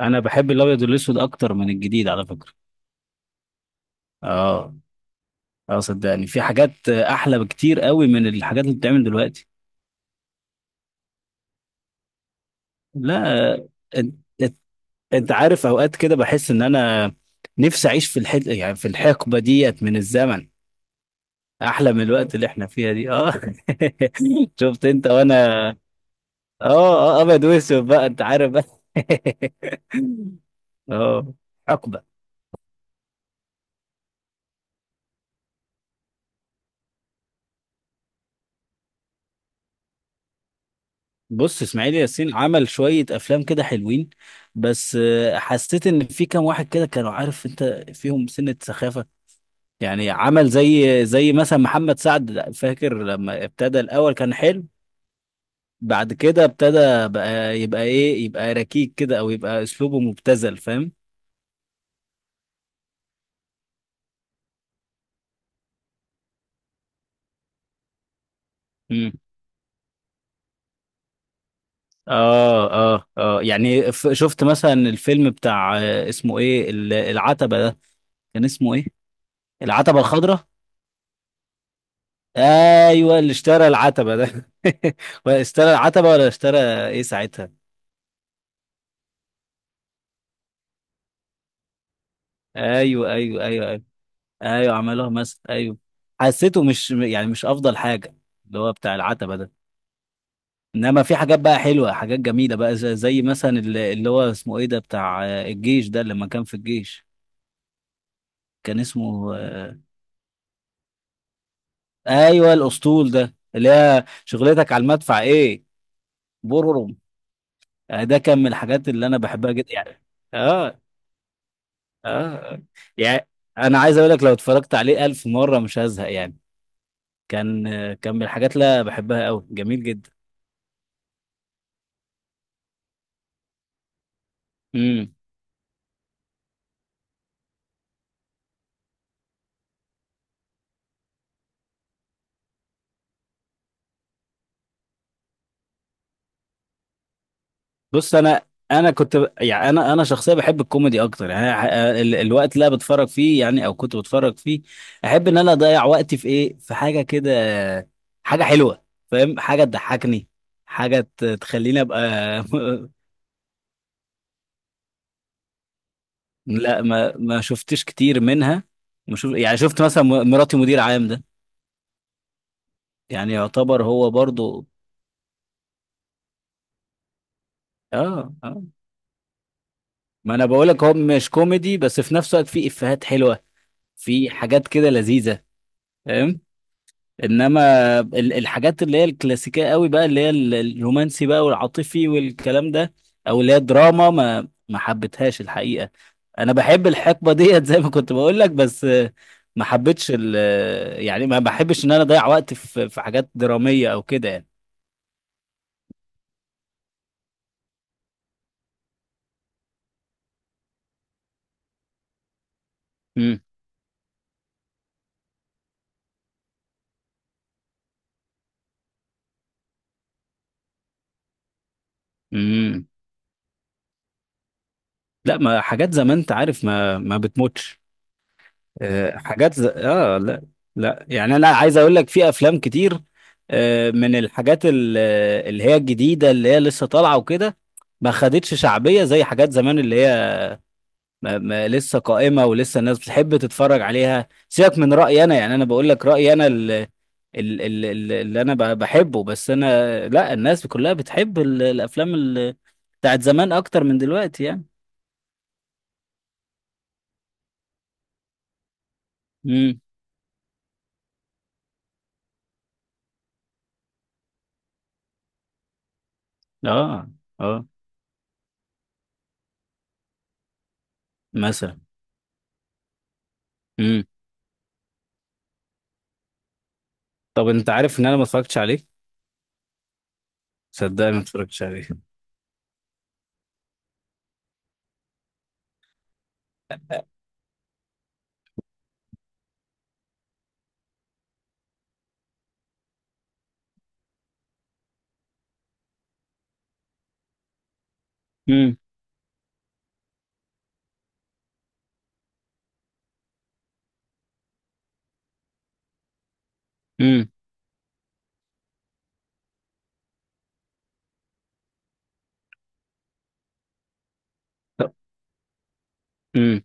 انا بحب الابيض والاسود اكتر من الجديد على فكره. اه. اه صدقني في حاجات احلى بكتير قوي من الحاجات اللي بتتعمل دلوقتي. لا، انت انت أنت عارف اوقات كده بحس ان انا نفسي اعيش في الحد، يعني في الحقبه ديت من الزمن، احلى من الوقت اللي احنا فيها دي. اه. شفت انت وانا. اه اه ابيض واسود بقى، انت عارف بقى. اه. حقبه. بص اسماعيل ياسين عمل شوية أفلام كده حلوين، بس حسيت إن في كام واحد كده كانوا، عارف أنت، فيهم سنة سخافة. يعني عمل زي مثلا محمد سعد. فاكر لما ابتدى الأول كان حلو؟ بعد كده ابتدى بقى، يبقى إيه، يبقى ركيك كده أو يبقى أسلوبه مبتذل، فاهم؟ مم. آه آه آه. يعني شفت مثلا الفيلم بتاع اسمه إيه، العتبة ده، كان اسمه إيه؟ العتبة الخضراء. ايوه، اللي اشترى العتبه ده. ولا اشترى العتبه ولا اشترى ايه ساعتها. ايوه ايوه ايوه ايوه. ايوه عملوها مثلا، ايوه. حسيته مش، يعني مش افضل حاجه، اللي هو بتاع العتبه ده. انما في حاجات بقى حلوه، حاجات جميله بقى، زي مثلا اللي هو اسمه ايه ده، بتاع الجيش ده، لما كان في الجيش. كان اسمه ايوه الاسطول ده، اللي هي شغلتك على المدفع ايه. بررم. ده كان من الحاجات اللي انا بحبها جدا يعني. اه. اه. يعني انا عايز اقول لك، لو اتفرجت عليه الف مره مش هزهق يعني. كان، كان من الحاجات اللي أنا بحبها قوي. جميل جدا. امم. بص انا، انا كنت يعني انا شخصيا بحب الكوميدي اكتر. يعني أنا، الوقت اللي انا بتفرج فيه يعني، او كنت بتفرج فيه، احب ان انا اضيع وقتي في ايه، في حاجه كده، حاجه حلوه، فاهم، حاجه تضحكني، حاجه تخليني ابقى. لا، ما شفتش كتير منها. ما شوف، يعني شفت مثلا مراتي مدير عام ده، يعني يعتبر هو برضو. اه. اه ما انا بقولك، هو مش كوميدي، بس في نفس الوقت فيه افيهات حلوه، في حاجات كده لذيذه، فاهم؟ انما الحاجات اللي هي الكلاسيكيه قوي بقى، اللي هي الرومانسي بقى والعاطفي والكلام ده، او اللي هي دراما، ما حبيتهاش الحقيقه. انا بحب الحقبه ديت زي ما كنت بقولك، بس ما حبيتش ال يعني ما بحبش ان انا اضيع وقت في في حاجات دراميه او كده يعني. امم. امم. لا، ما حاجات زمان انت عارف، ما بتموتش. آه، حاجات زي... اه لا. لا يعني انا عايز اقول لك، في افلام كتير من الحاجات اللي هي الجديده، اللي هي لسه طالعه وكده، ما خدتش شعبيه زي حاجات زمان، اللي هي، ما لسه قائمه ولسه الناس بتحب تتفرج عليها. سيبك من رايي انا، يعني انا بقول لك رايي انا اللي انا بحبه. بس انا لا، الناس كلها بتحب الافلام بتاعت زمان اكتر من دلوقتي يعني. امم. اه. اه. مثلا. امم. طب انت عارف ان انا ما اتفرجتش عليه؟ صدقني ما اتفرجتش عليه. امم. امم. طب. امم.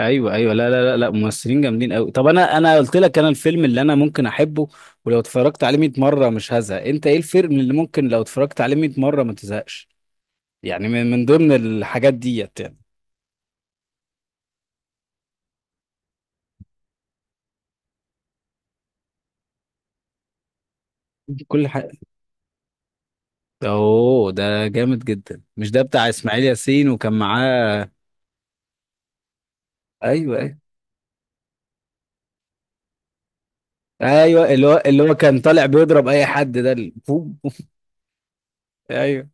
ايوه ايوه. لا لا لا لا، ممثلين جامدين قوي. طب انا قلت لك، انا الفيلم اللي انا ممكن احبه ولو اتفرجت عليه 100 مره مش هزهق. انت ايه الفيلم اللي ممكن لو اتفرجت عليه 100 مره ما تزهقش، يعني من من ضمن الحاجات ديت يعني؟ كل حاجه. اوه، ده جامد جدا. مش ده بتاع اسماعيل ياسين وكان معاه، ايوه ايوه ايوه، اللي هو، اللي هو كان طالع بيضرب اي حد ده ايوه.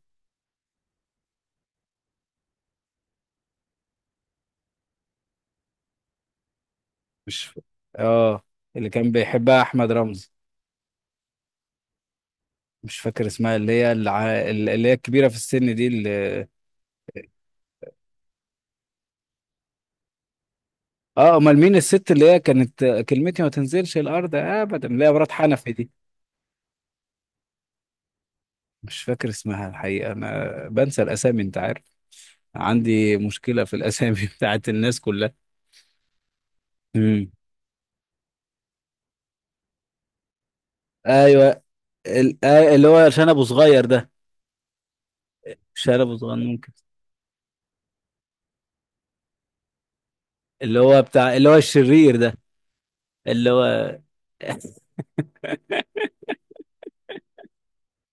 مش اه، اللي كان بيحبها احمد رمزي، مش فاكر اسمها، اللي هي الع... اللي هي الكبيرة في السن دي اللي... اه امال مين الست اللي هي كانت كلمتي ما تنزلش الارض ابدا، اللي هي مرات حنفي دي؟ مش فاكر اسمها الحقيقة، انا بنسى الاسامي انت عارف. عندي مشكلة في الاسامي بتاعت الناس كلها. امم. ايوه. ال... اللي هو عشان ابو صغير ده. مش أنا ابو صغير ممكن؟ اللي هو بتاع، اللي هو الشرير ده، اللي هو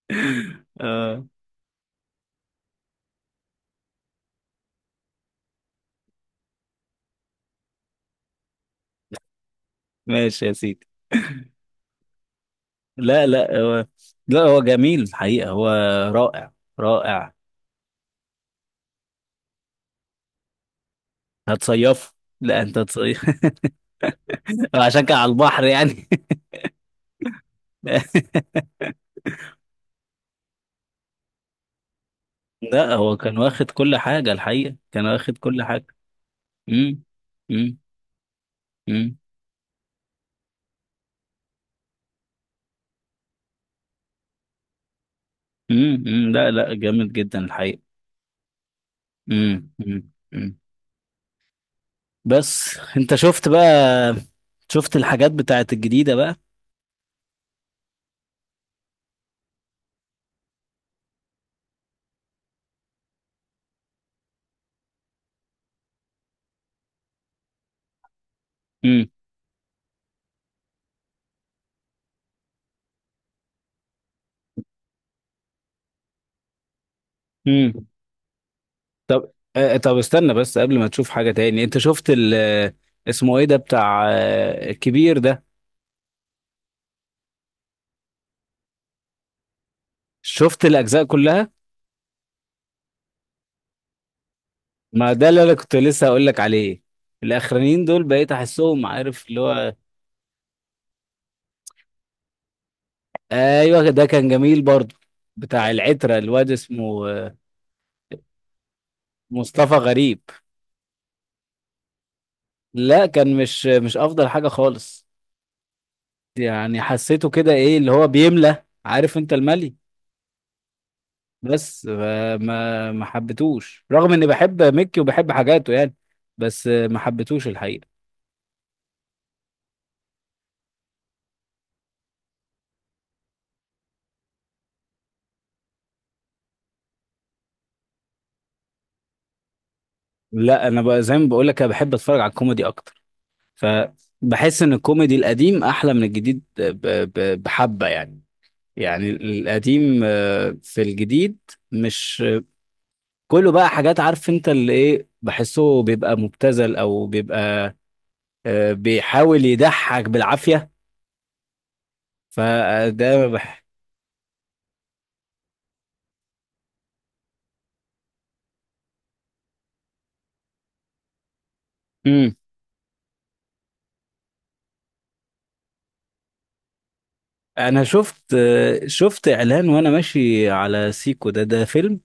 اه. ماشي يا سيدي. لا لا هو، لا هو جميل الحقيقة، هو رائع، رائع. هتصيفه؟ لا انت تصيف. عشان كان على البحر يعني. لا هو كان واخد كل حاجة الحقيقة، كان واخد كل حاجة. امم. امم. امم. أمم. لا لا، جامد جدا الحقيقة. أمم. بس انت شفت بقى، شفت الحاجات بتاعت الجديدة بقى؟ امم. طب طب استنى بس، قبل ما تشوف حاجة تاني، انت شفت ال آه، اسمه ايه ده بتاع الكبير ده؟ شفت الاجزاء كلها. ما ده اللي انا كنت لسه هقول لك عليه. الاخرانيين دول بقيت احسهم، عارف اللي هو. ايوه ده كان جميل برضو، بتاع العترة، الواد اسمه مصطفى غريب. لا، كان مش، مش افضل حاجة خالص. يعني حسيته كده ايه، اللي هو بيملى، عارف انت الملي. بس ما حبيتوش، رغم اني بحب ميكي وبحب حاجاته يعني. بس ما حبيتوش الحقيقه. لا انا بقى زي ما بقول لك، انا بحب اتفرج على الكوميدي اكتر، فبحس ان الكوميدي القديم احلى من الجديد. بحبه يعني. يعني القديم، في الجديد مش كله بقى، حاجات عارف انت، اللي ايه، بحسه بيبقى مبتذل او بيبقى بيحاول يضحك بالعافيه، فده بح... انا شفت، شفت اعلان وانا ماشي على سيكو ده، ده فيلم؟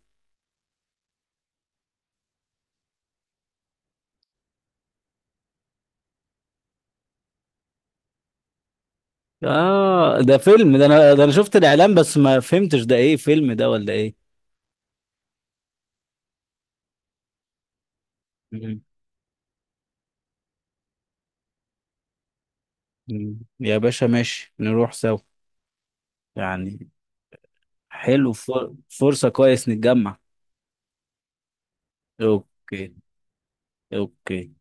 اه ده فيلم، ده انا، ده انا شفت الاعلان بس ما فهمتش ده ايه، فيلم ده ولا ايه؟ مم. مم. يا باشا ماشي، نروح سوا يعني. حلو، فرصة كويس نتجمع. اوكي. اوكي.